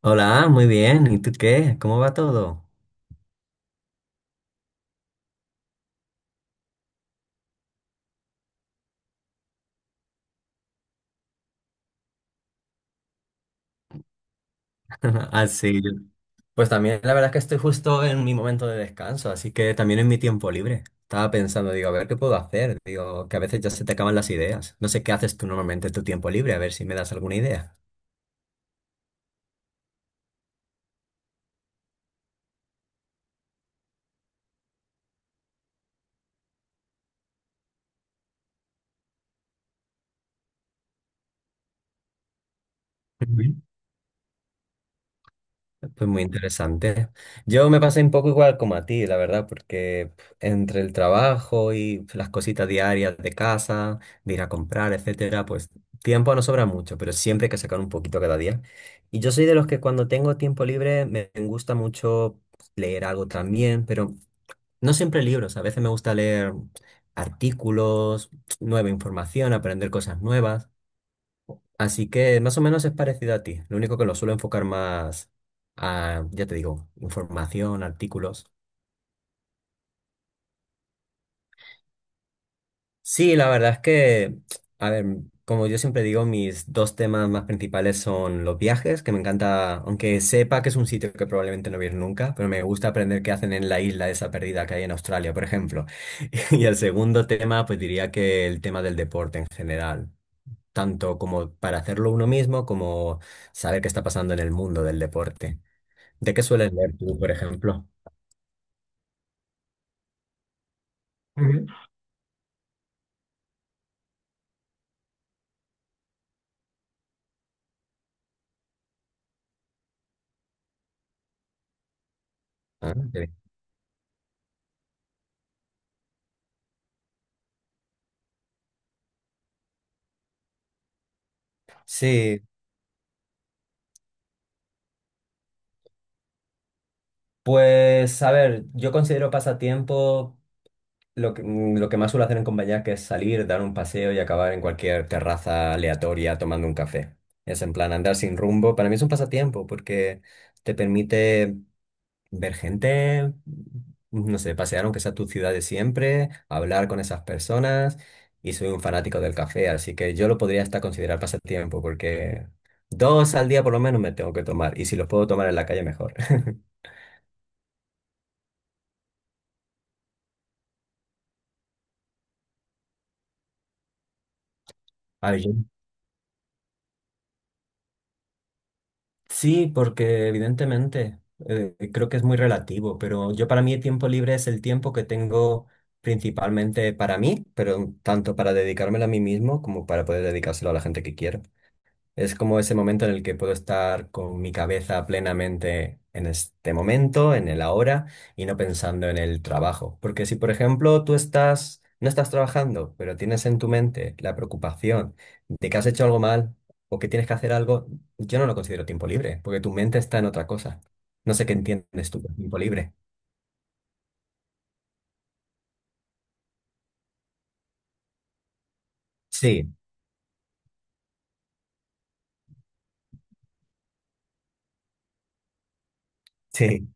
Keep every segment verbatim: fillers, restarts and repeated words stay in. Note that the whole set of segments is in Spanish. Hola, muy bien. ¿Y tú qué? ¿Cómo va todo? Así. Pues también la verdad es que estoy justo en mi momento de descanso, así que también en mi tiempo libre. Estaba pensando, digo, a ver qué puedo hacer. Digo, que a veces ya se te acaban las ideas. No sé qué haces tú normalmente en tu tiempo libre, a ver si me das alguna idea. Ujú. Pues muy interesante. Yo me pasé un poco igual como a ti, la verdad, porque pf, entre el trabajo y pf, las cositas diarias de casa, de ir a comprar, etcétera, pues tiempo no sobra mucho, pero siempre hay que sacar un poquito cada día. Y yo soy de los que cuando tengo tiempo libre me me gusta mucho leer algo también, pero no siempre libros. A veces me gusta leer artículos, nueva información, aprender cosas nuevas. Así que más o menos es parecido a ti. Lo único que lo suelo enfocar más a, ya te digo, información, artículos. Sí, la verdad es que, a ver, como yo siempre digo, mis dos temas más principales son los viajes, que me encanta, aunque sepa que es un sitio que probablemente no voy a ir nunca, pero me gusta aprender qué hacen en la isla esa perdida que hay en Australia, por ejemplo. Y el segundo tema, pues diría que el tema del deporte en general, tanto como para hacerlo uno mismo, como saber qué está pasando en el mundo del deporte. ¿De qué sueles leer tú, por ejemplo? Ujú. Ah, ok. Sí, pues a ver, yo considero pasatiempo lo que, mm, lo que más suelo hacer en compañía, que es salir, dar un paseo y acabar en cualquier terraza aleatoria tomando un café. Es en plan andar sin rumbo. Para mí es un pasatiempo porque te permite ver gente, no sé, pasear aunque sea tu ciudad de siempre, hablar con esas personas y soy un fanático del café, así que yo lo podría hasta considerar pasatiempo porque dos al día por lo menos me tengo que tomar y si los puedo tomar en la calle mejor. A ver, yo- sí, porque evidentemente eh, creo que es muy relativo, pero yo para mí el tiempo libre es el tiempo que tengo principalmente para mí, pero tanto para dedicármelo a mí mismo como para poder dedicárselo a la gente que quiero. Es como ese momento en el que puedo estar con mi cabeza plenamente en este momento, en el ahora, y no pensando en el trabajo. Porque si, por ejemplo, tú estás, no estás trabajando, pero tienes en tu mente la preocupación de que has hecho algo mal o que tienes que hacer algo, yo no lo considero tiempo libre, porque tu mente está en otra cosa. No sé qué entiendes tú por tiempo libre. Sí, sí.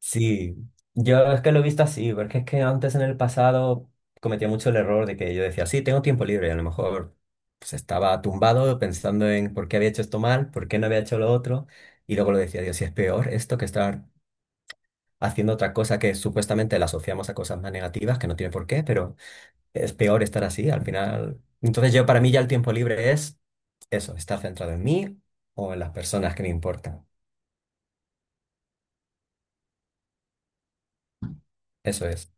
Sí, yo es que lo he visto así, porque es que antes en el pasado cometía mucho el error de que yo decía, sí, tengo tiempo libre, y a lo mejor pues, estaba tumbado pensando en por qué había hecho esto mal, por qué no había hecho lo otro, y luego lo decía, Dios, si es peor esto que estar haciendo otra cosa que supuestamente la asociamos a cosas más negativas, que no tiene por qué, pero es peor estar así, al final. Entonces yo para mí ya el tiempo libre es eso, estar centrado en mí o en las personas que me importan, eso es.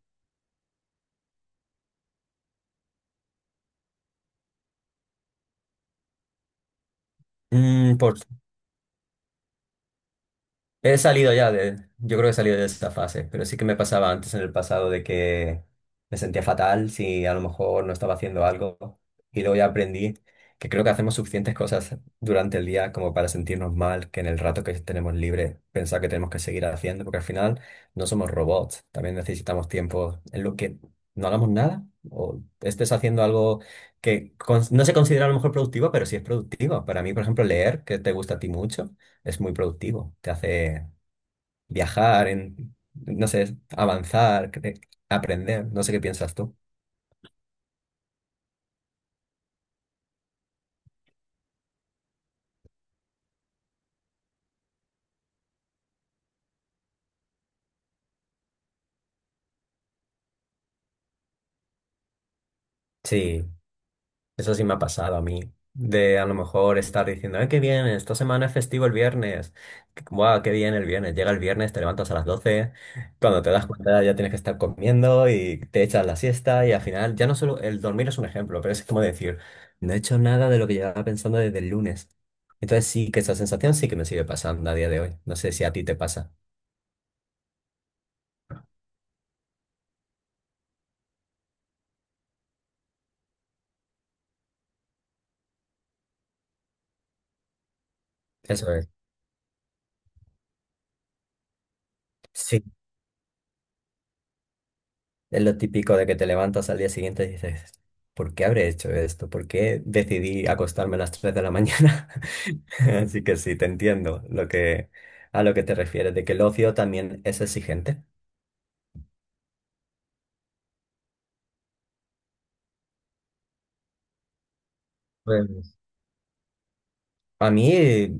Mm, por He salido ya de, yo creo que he salido de esa fase, pero sí que me pasaba antes en el pasado de que me sentía fatal si a lo mejor no estaba haciendo algo y luego ya aprendí que creo que hacemos suficientes cosas durante el día como para sentirnos mal, que en el rato que tenemos libre pensar que tenemos que seguir haciendo, porque al final no somos robots, también necesitamos tiempo en lo que no hagamos nada o estés haciendo algo que cons- no se considera a lo mejor productivo, pero sí es productivo. Para mí, por ejemplo, leer, que te gusta a ti mucho es muy productivo. Te hace viajar, en, no sé, avanzar, cre- aprender. No sé qué piensas tú. Sí, eso sí me ha pasado a mí. De a lo mejor estar diciendo, ¡ay, qué bien! Esta semana es festivo el viernes. ¡Guau, qué bien el viernes! Llega el viernes, te levantas a las doce. Cuando te das cuenta ya tienes que estar comiendo y te echas la siesta. Y al final, ya no solo el dormir es un ejemplo, pero es como decir, no he hecho nada de lo que llevaba pensando desde el lunes. Entonces sí que esa sensación sí que me sigue pasando a día de hoy. No sé si a ti te pasa. Eso es. Sí, es lo típico de que te levantas al día siguiente y dices, ¿por qué habré hecho esto? ¿Por qué decidí acostarme a las tres de la mañana? Así que sí, te entiendo lo que, a lo que te refieres, de que el ocio también es exigente. Pues, a mí eh,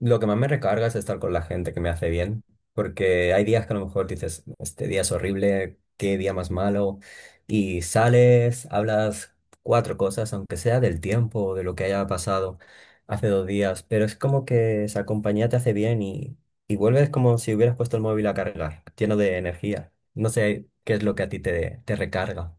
lo que más me recarga es estar con la gente que me hace bien, porque hay días que a lo mejor dices, este día es horrible, qué día más malo, y sales, hablas cuatro cosas, aunque sea del tiempo o de lo que haya pasado hace dos días, pero es como que esa compañía te hace bien y, y vuelves como si hubieras puesto el móvil a cargar, lleno de energía. No sé qué es lo que a ti te, te recarga.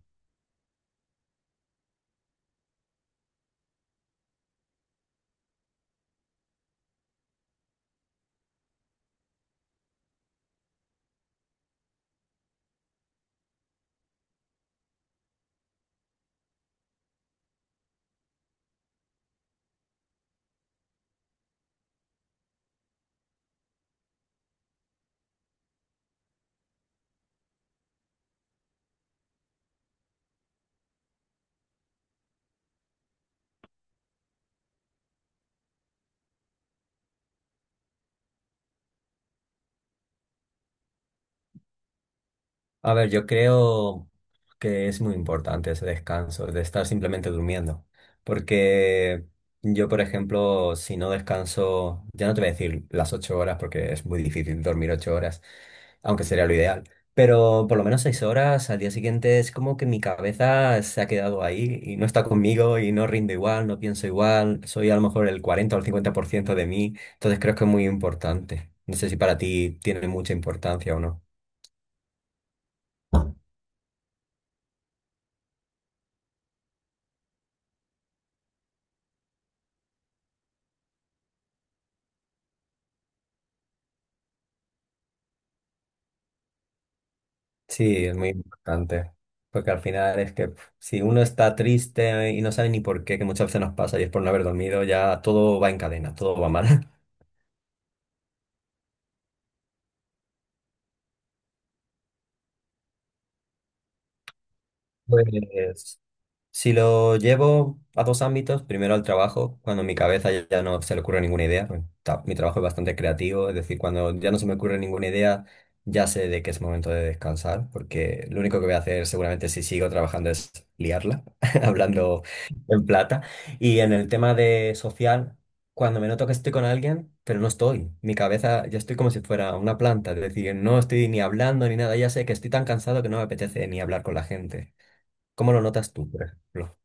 A ver, yo creo que es muy importante ese descanso, de estar simplemente durmiendo, porque yo, por ejemplo, si no descanso, ya no te voy a decir las ocho horas, porque es muy difícil dormir ocho horas, aunque sería lo ideal, pero por lo menos seis horas al día siguiente es como que mi cabeza se ha quedado ahí y no está conmigo y no rindo igual, no pienso igual, soy a lo mejor el cuarenta o el cincuenta por ciento de mí, entonces creo que es muy importante. No sé si para ti tiene mucha importancia o no. Sí, es muy importante, porque al final es que pf, si uno está triste y no sabe ni por qué, que muchas veces nos pasa y es por no haber dormido, ya todo va en cadena, todo va mal. Pues, si lo llevo a dos ámbitos, primero al trabajo, cuando mi cabeza ya ya no se le ocurre ninguna idea, pues, ta- mi trabajo es bastante creativo, es decir, cuando ya no se me ocurre ninguna idea, ya sé de que es momento de descansar, porque lo único que voy a hacer seguramente si sigo trabajando es liarla, hablando en plata. Y en el tema de social, cuando me noto que estoy con alguien, pero no estoy, mi cabeza ya estoy como si fuera una planta, es decir, no estoy ni hablando ni nada, ya sé que estoy tan cansado que no me apetece ni hablar con la gente. ¿Cómo lo notas tú, por ejemplo?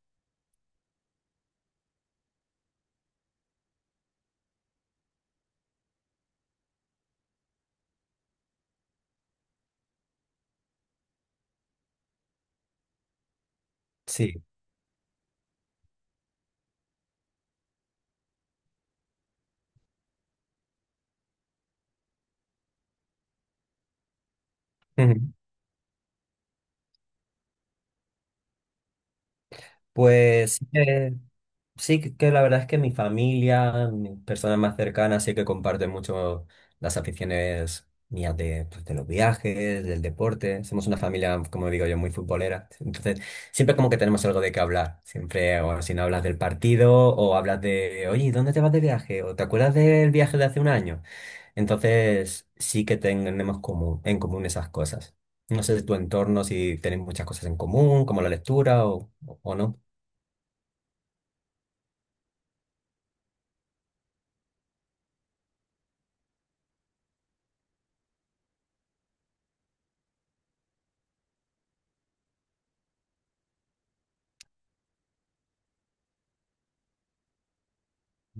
Sí, ujú. Pues sí que, sí que que la verdad es que mi familia, mis personas más cercanas, sí que comparten mucho las aficiones mías de, pues, de los viajes, del deporte. Somos una familia, como digo yo, muy futbolera. Entonces, siempre como que tenemos algo de qué hablar. Siempre, o si no hablas del partido, o hablas de, oye, ¿dónde te vas de viaje? ¿O te acuerdas del viaje de hace un año? Entonces, sí que tenemos común, en común esas cosas. No sé de tu entorno si tenéis muchas cosas en común, como la lectura o, o no.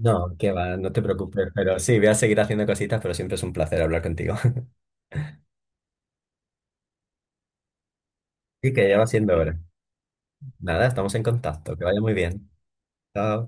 No, que va, no te preocupes, pero sí, voy a seguir haciendo cositas, pero siempre es un placer hablar contigo. Y que ya va siendo hora. Nada, estamos en contacto, que vaya muy bien. Chao.